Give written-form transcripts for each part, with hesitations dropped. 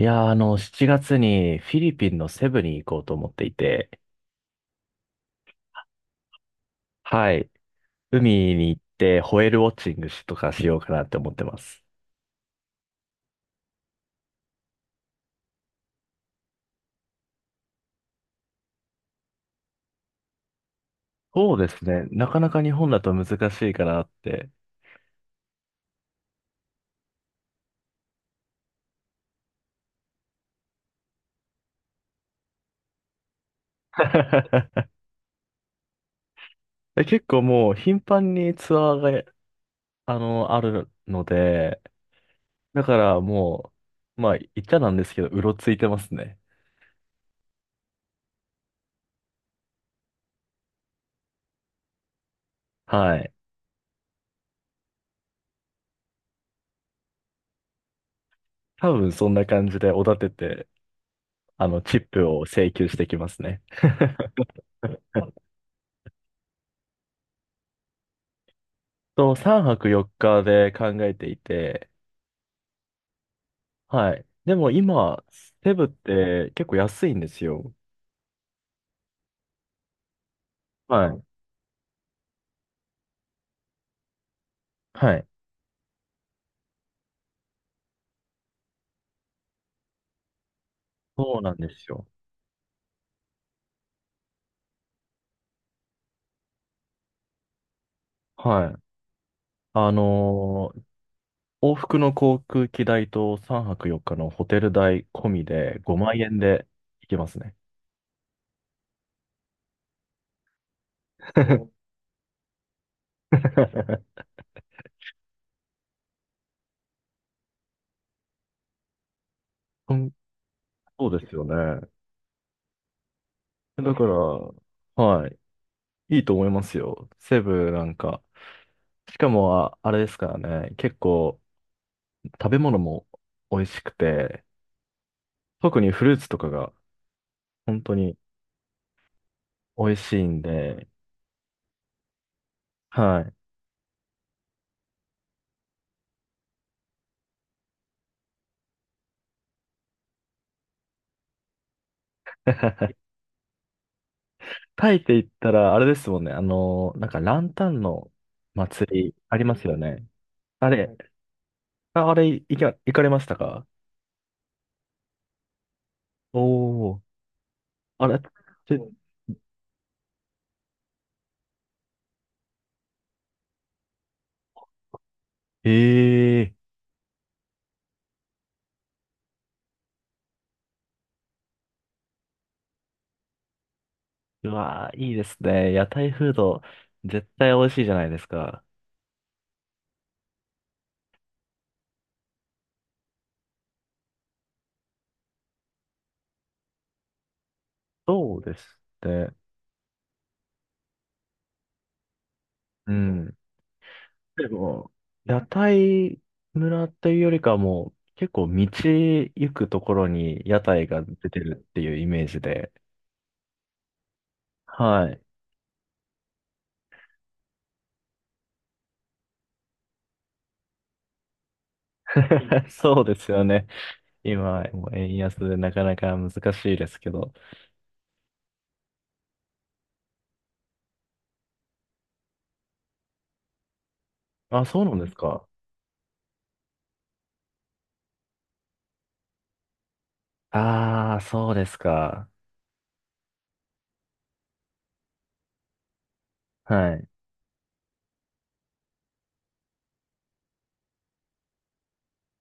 いやー、7月にフィリピンのセブに行こうと思っていて、はい。海に行ってホエールウォッチングしとかしようかなって思ってます。そうですね。なかなか日本だと難しいかなって。結構もう頻繁にツアーが、あるので、だからもう、まあ言っちゃなんですけど、うろついてますね。はい。多分そんな感じでおだてて、チップを請求してきますね。と、3泊4日で考えていて、はい。でも今、セブって結構安いんですよ。はい。はい。そうなんですよ。はい。あのー往復の航空機代と3泊4日のホテル代込みで5万円で行けますね。うん、そうですよね。だから、はい。いいと思いますよ。セブなんか。しかも、あ、あれですからね。結構、食べ物も美味しくて、特にフルーツとかが本当に美味しいんで、はい。タイって言ったら、あれですもんね。なんかランタンの祭りありますよね。あれ、ああれ、行かれましたか？おおー、あれ、ええー、うわー、いいですね。屋台フード、絶対美味しいじゃないですか。そうですね。うん。でも、屋台村っていうよりかはもう、結構道行くところに屋台が出てるっていうイメージで、はい。そうですよね。今、もう円安でなかなか難しいですけど。あ、そうなんですか。ああ、そうですか。はい。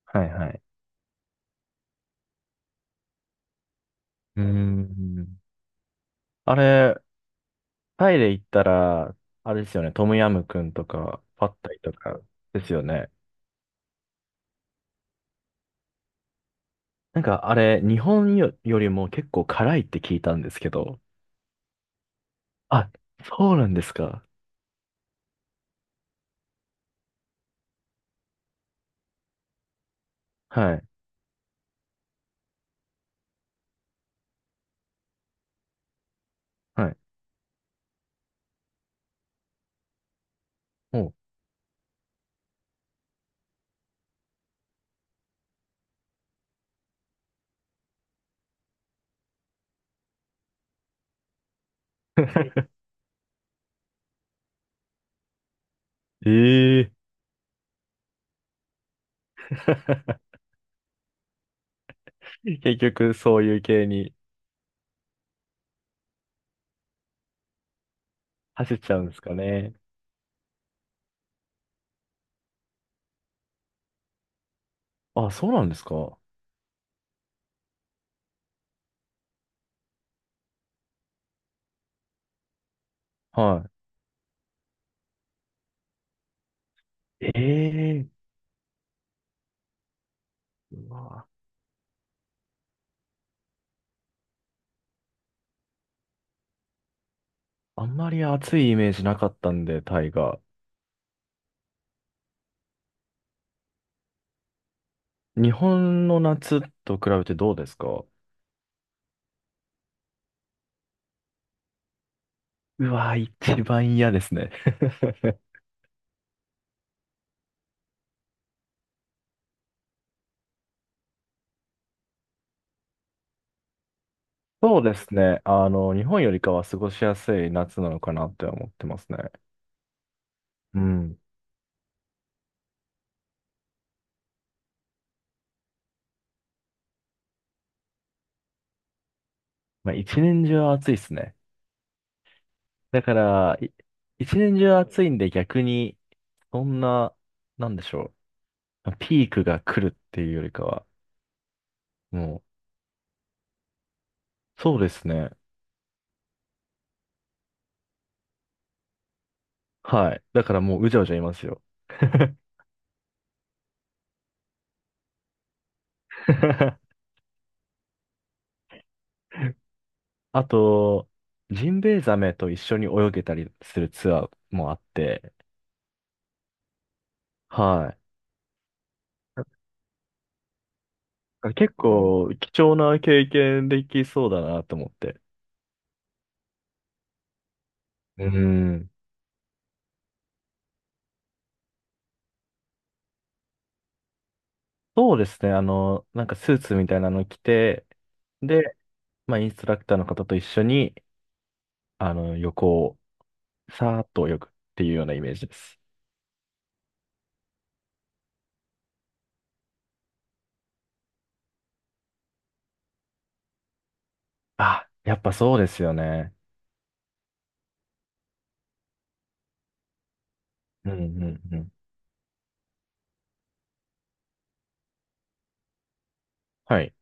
はい、はい。うーん。あれ、タイで行ったら、あれですよね。トムヤムクンとか、パッタイとかですよね。なんかあれ、日本よりも結構辛いって聞いたんですけど。あ、そうなんですか。はい。はい。おう。ええ 結局、そういう系に走っちゃうんですかね。あ、そうなんですか。はい。ええ、うわ、あんまり暑いイメージなかったんで、タイが。日本の夏と比べてどうですか？ うわ、一 番嫌ですね。そうですね。日本よりかは過ごしやすい夏なのかなって思ってますね。うん。まあ、一年中暑いですね。だから、一年中暑いんで逆に、そんな、なんでしょう。ピークが来るっていうよりかは、もう、そうですね。はい。だからもううじゃうじゃいますよ。あと、ジンベエザメと一緒に泳げたりするツアーもあって、はい。なんか結構貴重な経験できそうだなと思って。うん。そうですね。なんかスーツみたいなの着て、で、まあインストラクターの方と一緒に、横をさーっと泳ぐっていうようなイメージです。あ、やっぱそうですよね。うんうんうん。はい。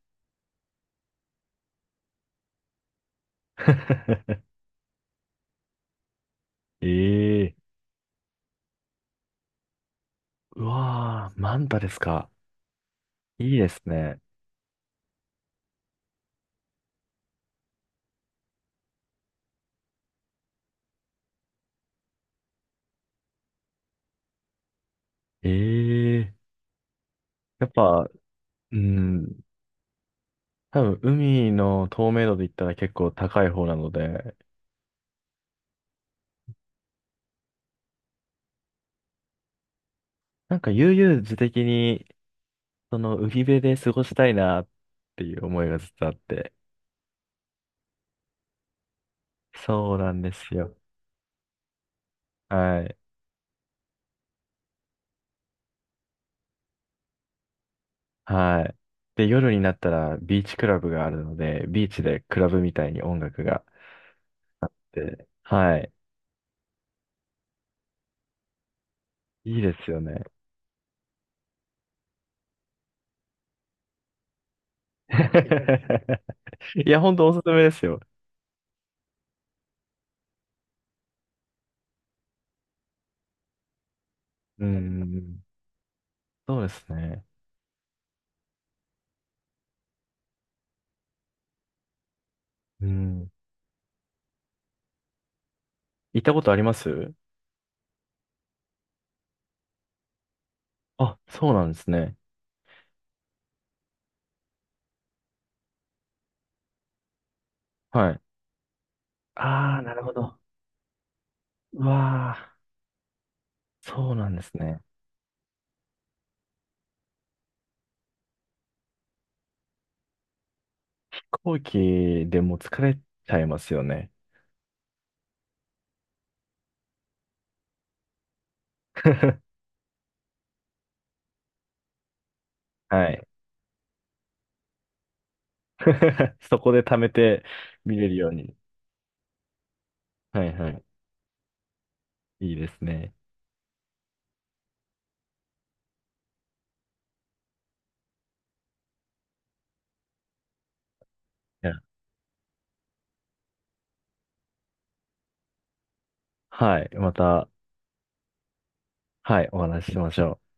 ええ、うわー、マンタですか。いいですね。ええ、やっぱ、うん、多分海の透明度で言ったら結構高い方なので、なんか悠々自適に、その海辺で過ごしたいなっていう思いがずっとあって。そうなんですよ。はい。はい。で、夜になったらビーチクラブがあるので、ビーチでクラブみたいに音楽があって、はい。いいですよね。いや、ほんとおすすめですよ。うん。そうですね。うん。行ったことあります？あ、そうなんですね。はい。ああ、なるほど。うわあ、そうなんですね。飛行機でもう疲れちゃいますよね。はい。そこで貯めて見れるように。はいはい。いいですね。いや、はい。また、はい、お話ししましょう。